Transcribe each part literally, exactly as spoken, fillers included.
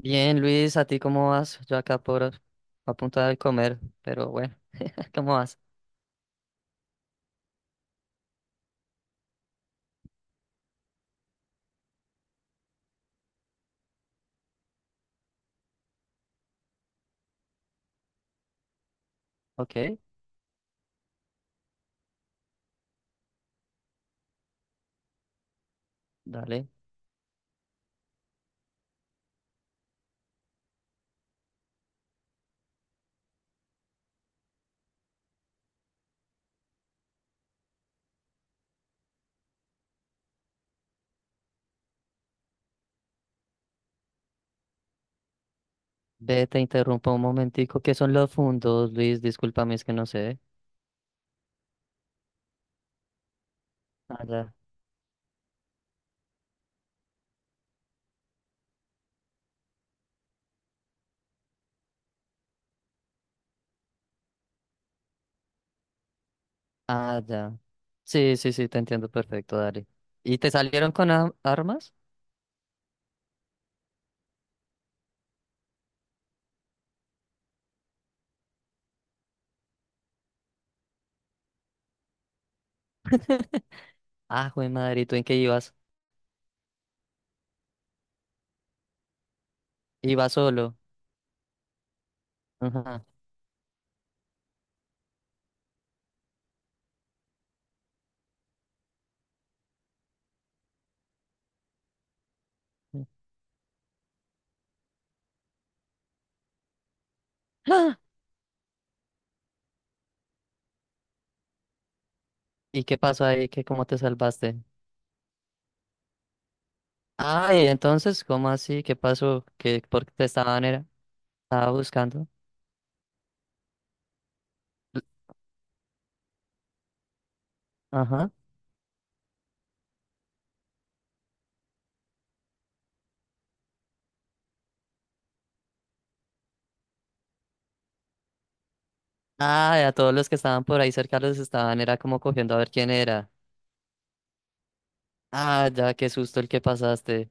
Bien, Luis, ¿a ti cómo vas? Yo acá por a punto de comer, pero bueno, ¿cómo vas? Ok, dale. Ve, te interrumpo un momentico. ¿Qué son los fundos, Luis? Discúlpame, es que no sé. Ah, ya. Ah, ya. Sí, sí, sí, te entiendo perfecto, dale. ¿Y te salieron con a- armas? Ah, jue madre, ¿y tú en qué ibas? Ibas solo. Ajá. ¡Ah! ¿Y qué pasó ahí? ¿Qué, cómo te salvaste? Ay, entonces, ¿cómo así? ¿Qué pasó? ¿Qué, por qué te estaban era- estaba buscando? L- Ajá. Ah, a todos los que estaban por ahí cerca los estaban, era como cogiendo a ver quién era. Ah, ya, qué susto el que pasaste.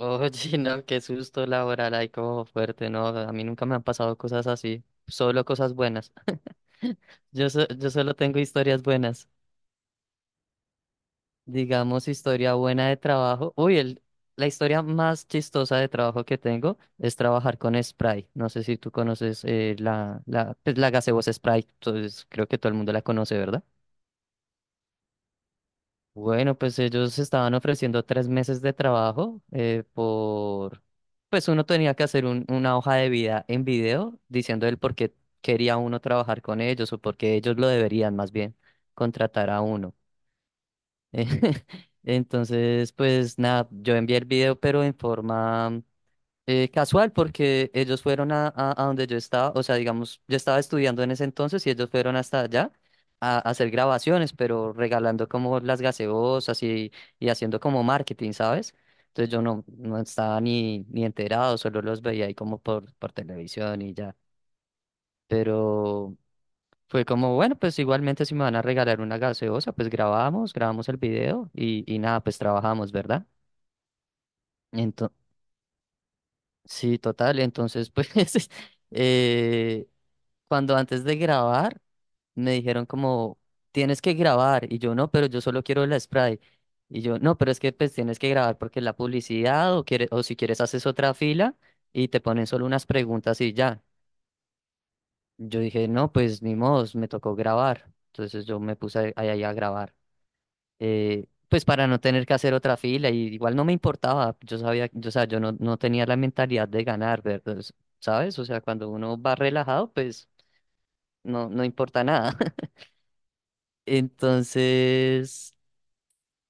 Oye, no, qué susto laboral, ahí como fuerte, no, a mí nunca me han pasado cosas así, solo cosas buenas. Yo, so- yo solo tengo historias buenas, digamos historia buena de trabajo. Uy, el, la historia más chistosa de trabajo que tengo es trabajar con Sprite. No sé si tú conoces eh, la, la, pues, la gaseosa Sprite, entonces creo que todo el mundo la conoce, ¿verdad? Bueno, pues ellos estaban ofreciendo tres meses de trabajo eh, por, pues uno tenía que hacer un- una hoja de vida en video diciendo el por qué quería uno trabajar con ellos o por qué ellos lo deberían más bien contratar a uno. Entonces, pues nada, yo envié el video pero en forma eh, casual, porque ellos fueron a, a, a donde yo estaba, o sea, digamos, yo estaba estudiando en ese entonces y ellos fueron hasta allá a, a hacer grabaciones, pero regalando como las gaseosas y, y haciendo como marketing, ¿sabes? Entonces yo no, no estaba ni, ni enterado, solo los veía ahí como por, por televisión y ya. Pero fue como, bueno, pues igualmente si me van a regalar una gaseosa, pues grabamos, grabamos el video y, y nada, pues trabajamos, ¿verdad? Sí, total. Entonces, pues, eh, cuando antes de grabar, me dijeron como, tienes que grabar. Y yo, no, pero yo solo quiero el spray. Y yo, no, pero es que pues tienes que grabar porque la publicidad o, quiere- o si quieres haces otra fila y te ponen solo unas preguntas y ya. Yo dije, no, pues ni modo, me tocó grabar. Entonces yo me puse ahí ahí a grabar eh, pues para no tener que hacer otra fila, y igual no me importaba, yo sabía, yo, o sea, yo no, no tenía la mentalidad de ganar, ¿verdad? ¿Sabes? O sea, cuando uno va relajado, pues no, no importa nada. Entonces,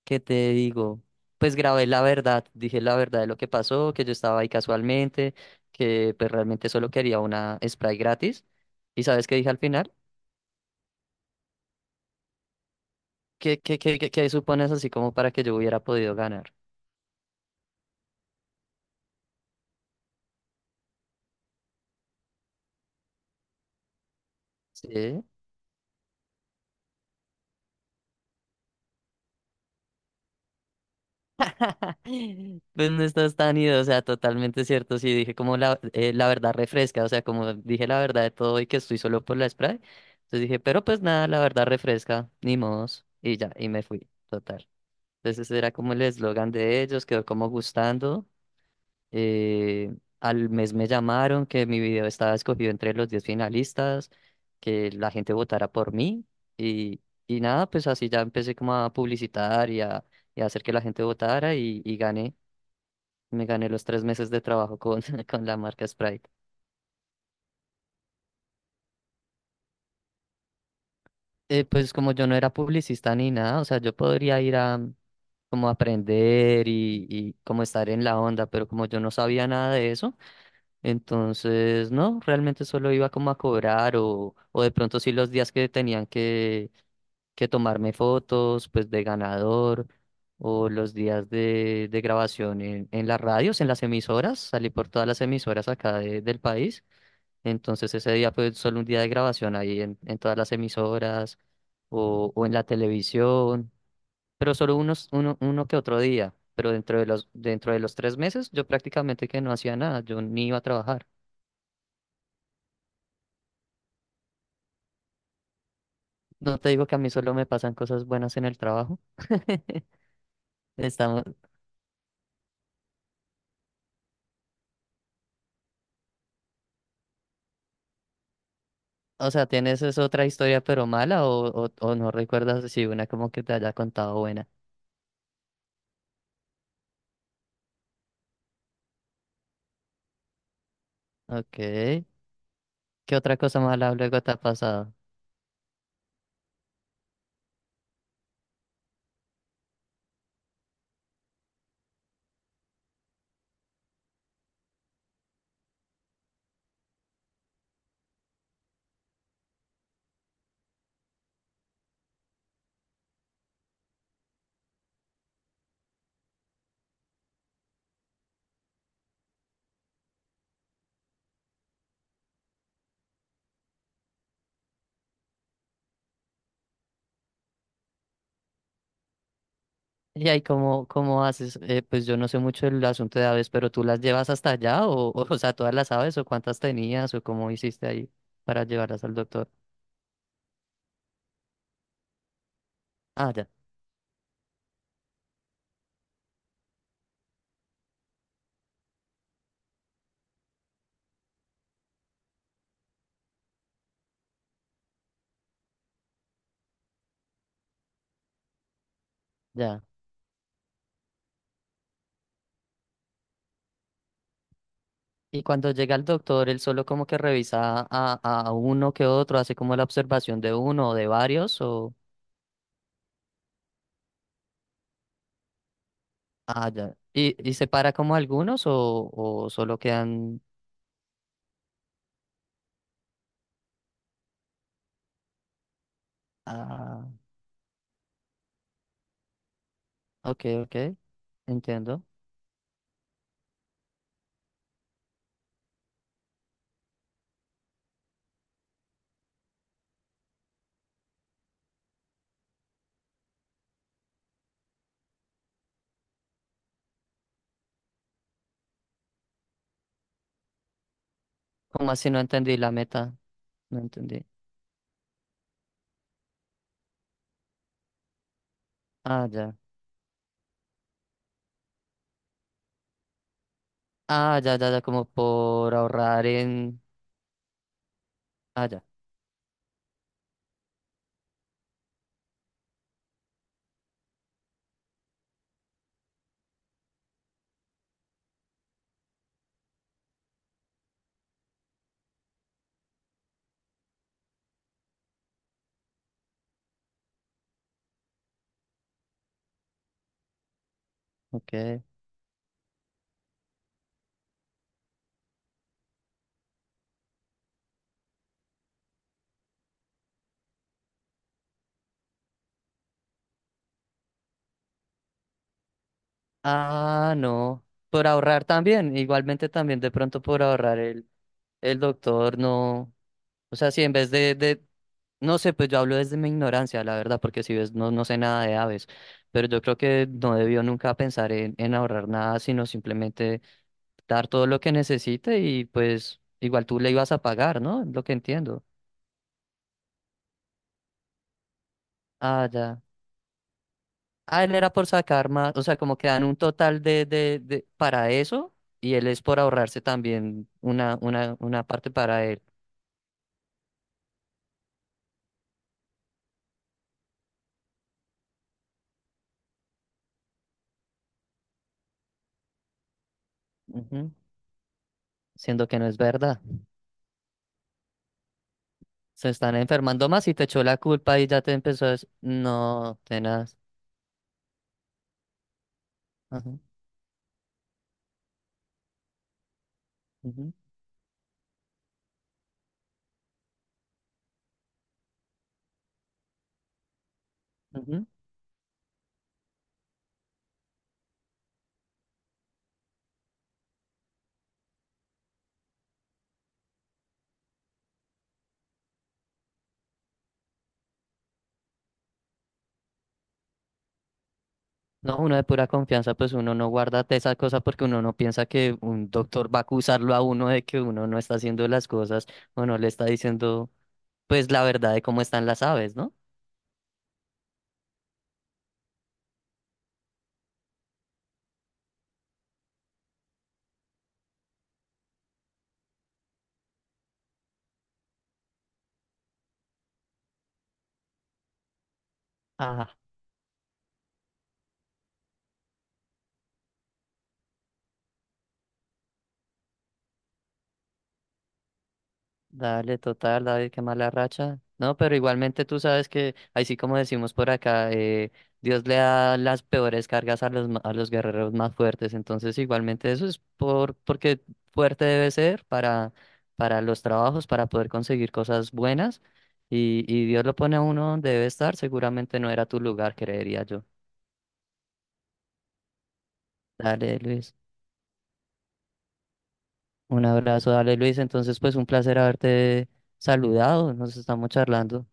¿qué te digo? Pues grabé la verdad, dije la verdad de lo que pasó, que yo estaba ahí casualmente, que pues realmente solo quería una spray gratis. ¿Y sabes qué dije al final? ¿Qué, qué, qué, qué, qué supones así como para que yo hubiera podido ganar? Sí. Pues no estás tan ido, o sea, totalmente cierto. Sí, dije como la, eh, la verdad refresca, o sea, como dije la verdad de todo y que estoy solo por la spray. Entonces dije, pero pues nada, la verdad refresca, ni modos. Y ya, y me fui, total. Entonces ese era como el eslogan de ellos, quedó como gustando. eh, Al mes me llamaron que mi video estaba escogido entre los diez finalistas, que la gente votara por mí. Y, y nada, pues así ya empecé como a publicitar y a, y a hacer que la gente votara y, y gané. Me gané los tres meses de trabajo con, con la marca Sprite. Eh, pues como yo no era publicista ni nada, o sea, yo podría ir a mm, como aprender y, y como estar en la onda, pero como yo no sabía nada de eso, entonces no, realmente solo iba como a cobrar o, o de pronto sí los días que tenían que, que tomarme fotos, pues de ganador o los días de, de grabación en, en las radios, en las emisoras, salí por todas las emisoras acá de- del país. Entonces ese día fue solo un día de grabación ahí en, en todas las emisoras o, o en la televisión, pero solo unos, uno, uno que otro día. Pero dentro de los, dentro de los tres meses yo prácticamente que no hacía nada, yo ni iba a trabajar. No te digo que a mí solo me pasan cosas buenas en el trabajo. Estamos, o sea, ¿tienes es otra historia pero mala o, o, o no recuerdas si una como que te haya contado buena? Ok. ¿Qué otra cosa mala luego te ha pasado? Y ahí, ¿cómo, cómo haces? Eh, pues yo no sé mucho del asunto de aves, pero ¿tú las llevas hasta allá? ¿O, o, o sea, todas las aves o cuántas tenías o cómo hiciste ahí para llevarlas al doctor? Ah, ya, ya. Y cuando llega el doctor, él solo como que revisa a, a uno que otro, hace como la observación de uno o de varios o... Ah, ya. ¿Y, y separa como algunos o, o solo quedan... Ah, ok, ok, entiendo. ¿Cómo así no entendí la meta? No entendí. Ah, ya. Ah, ya, ya, ya, como por ahorrar en... Ah, ya, ok. Ah, no, por ahorrar también, igualmente también de pronto por ahorrar el, el doctor, no. O sea, si en vez de, de... No sé, pues yo hablo desde mi ignorancia, la verdad, porque si ves, no, no sé nada de aves, pero yo creo que no debió nunca pensar en, en ahorrar nada, sino simplemente dar todo lo que necesite y pues igual tú le ibas a pagar, ¿no? Lo que entiendo. Ah, ya. Ah, él era por sacar más, o sea, como que dan un total de, de, de para eso y él es por ahorrarse también una, una, una parte para él. Ujú. Siendo que no es verdad. Se están enfermando más y te echó la culpa y ya te empezó a decir, no, tenaz. Ajá, ujú, ujú". No, uno de pura confianza, pues uno no guarda de esa cosa porque uno no piensa que un doctor va a acusarlo a uno de que uno no está haciendo las cosas o no le está diciendo, pues, la verdad de cómo están las aves, ¿no? Ajá. Dale, total, David, qué mala racha. No, pero igualmente tú sabes que, así como decimos por acá, eh, Dios le da las peores cargas a los, ma- a los guerreros más fuertes. Entonces, igualmente eso es por, porque fuerte debe ser para, para los trabajos, para poder conseguir cosas buenas. Y, y Dios lo pone a uno donde debe estar. Seguramente no era tu lugar, creería yo. Dale, Luis. Un abrazo, dale, Luis. Entonces, pues un placer haberte saludado. Nos estamos charlando.